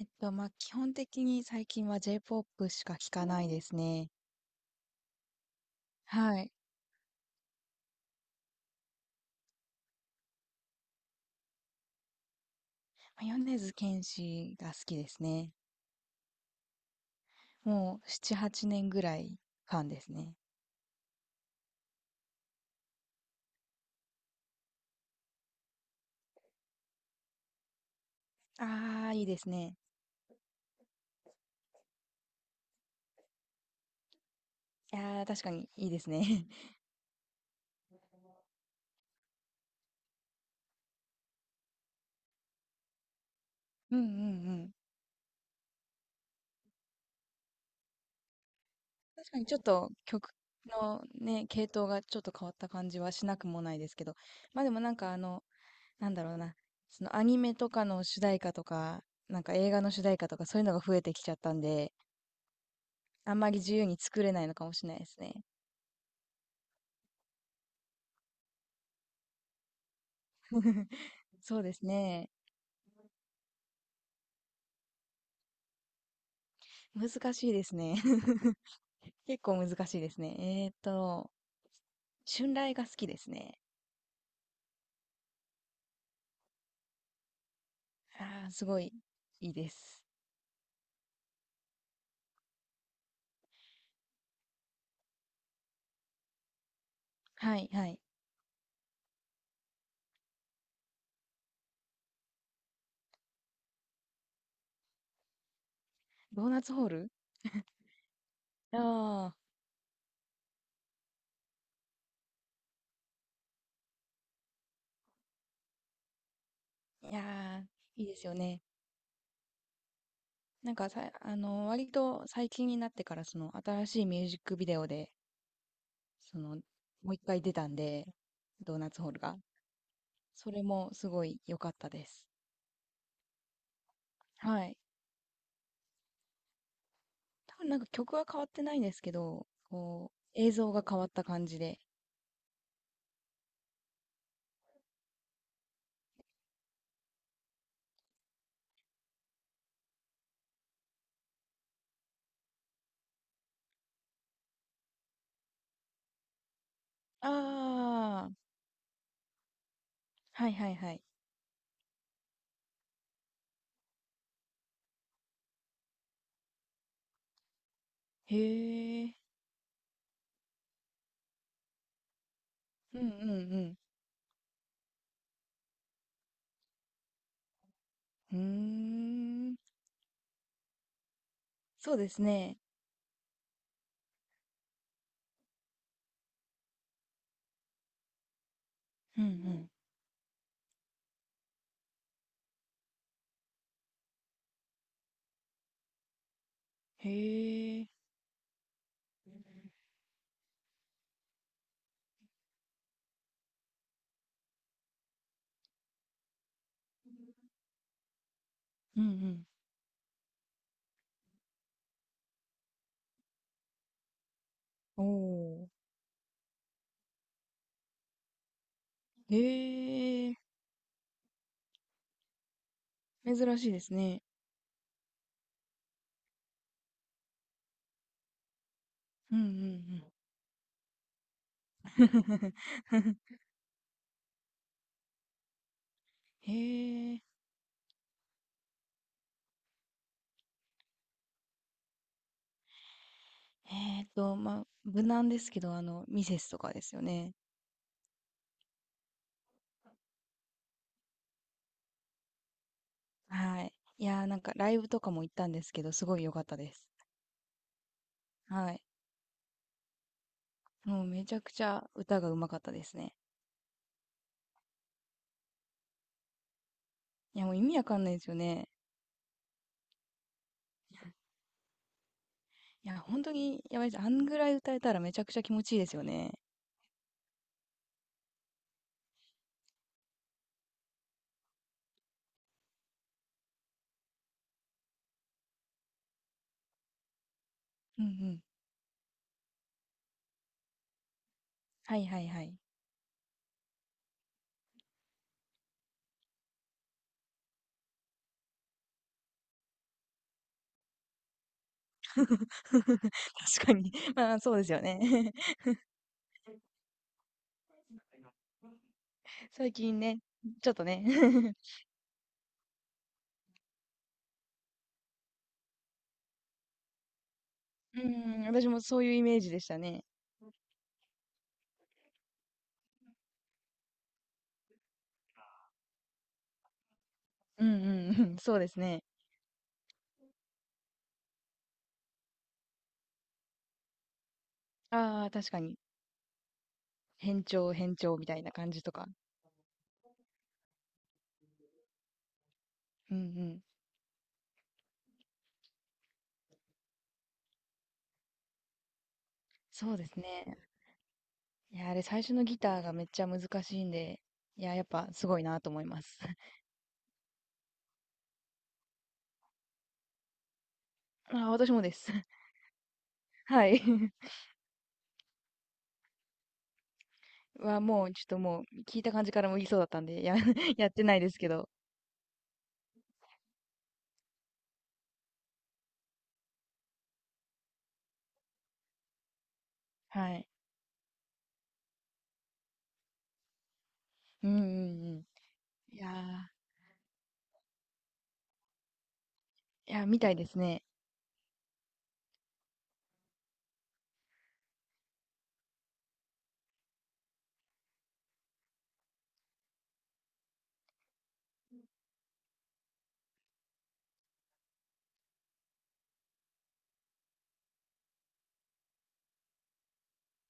まあ、基本的に最近は J-POP しか聞かないですね。はい。ま、米津玄師が好きですね。もう7、8年ぐらいファンですね。ああ、いいですね。いやー、確かにいいですね。うんうんうん。確かにちょっと曲のね、系統がちょっと変わった感じはしなくもないですけど、ま、でもなんかなんだろうな、そのアニメとかの主題歌とか、なんか映画の主題歌とかそういうのが増えてきちゃったんで、あんまり自由に作れないのかもしれないですね。そうですね。難しいですね。結構難しいですね。春雷が好きですね。ああ、すごいいいです。はい、はい。ドーナツホールああー、いやー、いいですよね。なんかさ、割と最近になってから、新しいミュージックビデオで、その、もう一回出たんで、ドーナツホールが。それもすごい良かったです。はい。多分なんか曲は変わってないんですけど、こう、映像が変わった感じで。ああ、はいはいはい。へえ、うんうんうん。うーん、そうですね。うんうん。へえ、うんうん。おー、へえ、珍しいですね。うんうんうん。へえ。まあ、無難ですけど、ミセスとかですよね。はい。いやー、なんかライブとかも行ったんですけど、すごい良かったです。はい。もうめちゃくちゃ歌が上手かったですね。いや、もう意味わかんないですよね。いや、本当にやばいです。あんぐらい歌えたらめちゃくちゃ気持ちいいですよね。うんうん。はいはいはい。確かに。まあ、そうですよね。最近ね、ちょっとね。うん、私もそういうイメージでしたね。うんうんうん、そうですね。ああ、確かに。変調変調みたいな感じとか。うんうん。そうですね。いや、あれ最初のギターがめっちゃ難しいんで、いや、やっぱすごいなと思います。あ、私もです。はい。は、もうちょっともう聞いた感じからも言いそうだったんで、や、やってないですけど。はい。うんうんうん。いやー、いや、みたいですね。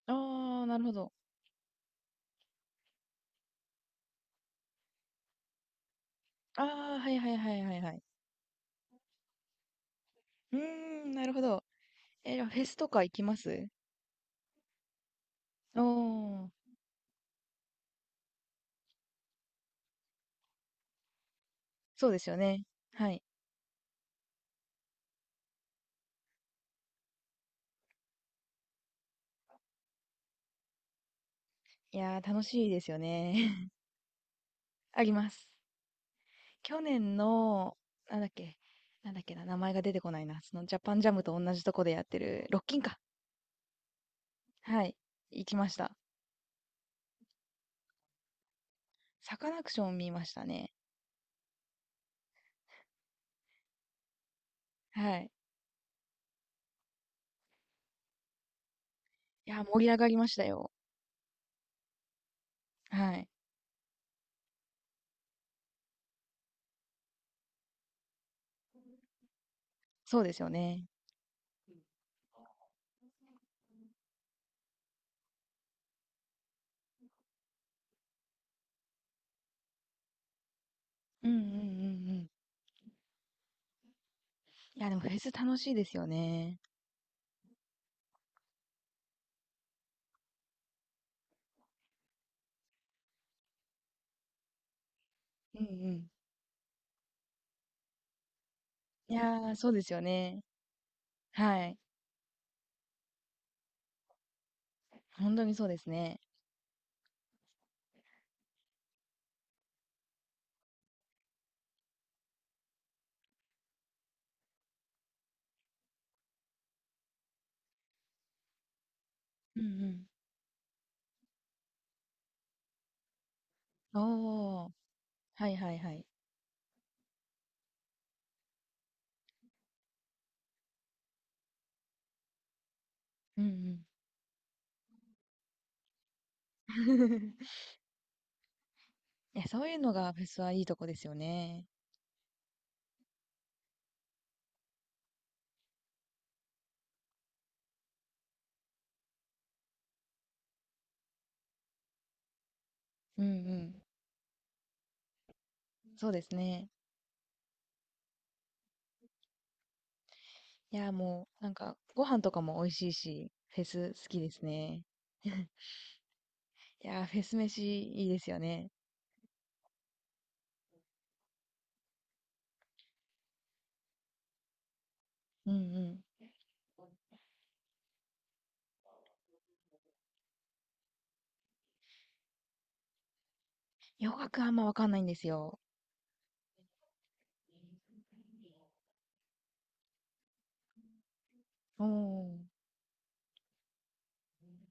ああ、なるほど。ああ、はいはいはいはいはい。うーん、なるほど。え、じゃあフェスとか行きます？おー、そうですよね。はい。いやー、楽しいですよね。あります。去年の、なんだっけ、なんだっけな、名前が出てこないな。そのジャパンジャムと同じとこでやってる、ロッキンか。はい。行きました。サカナクション見ましたね。はい。いや、盛り上がりましたよ。はい。そうですよね。うんうんうんうん。いや、でもフェス楽しいですよね。うんうん。いやー、そうですよね。はい。本当にそうですね。うんうん。おー。はいはいはい。うんうん。いや、そういうのがフェスはいいとこですよね。うんうん。そうですね。いや、もう、なんか、ご飯とかも美味しいし、フェス好きですね。いや、フェス飯いいですよね。うんうん。洋楽あんまわかんないんですよ。おー。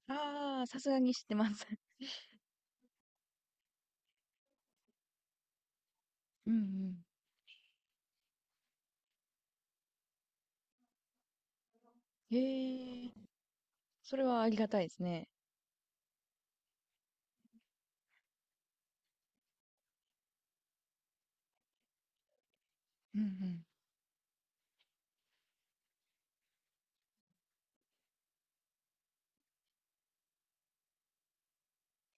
ああ、さすがに知ってます。うんうん。へえ、それはありがたいですね。うんうん。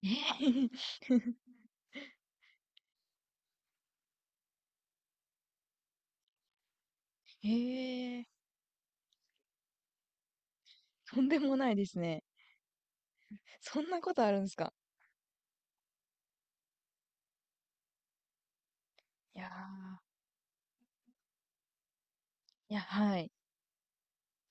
ええ へえ、とんでもないですね。そんなことあるんですか？いやー、いや、はい。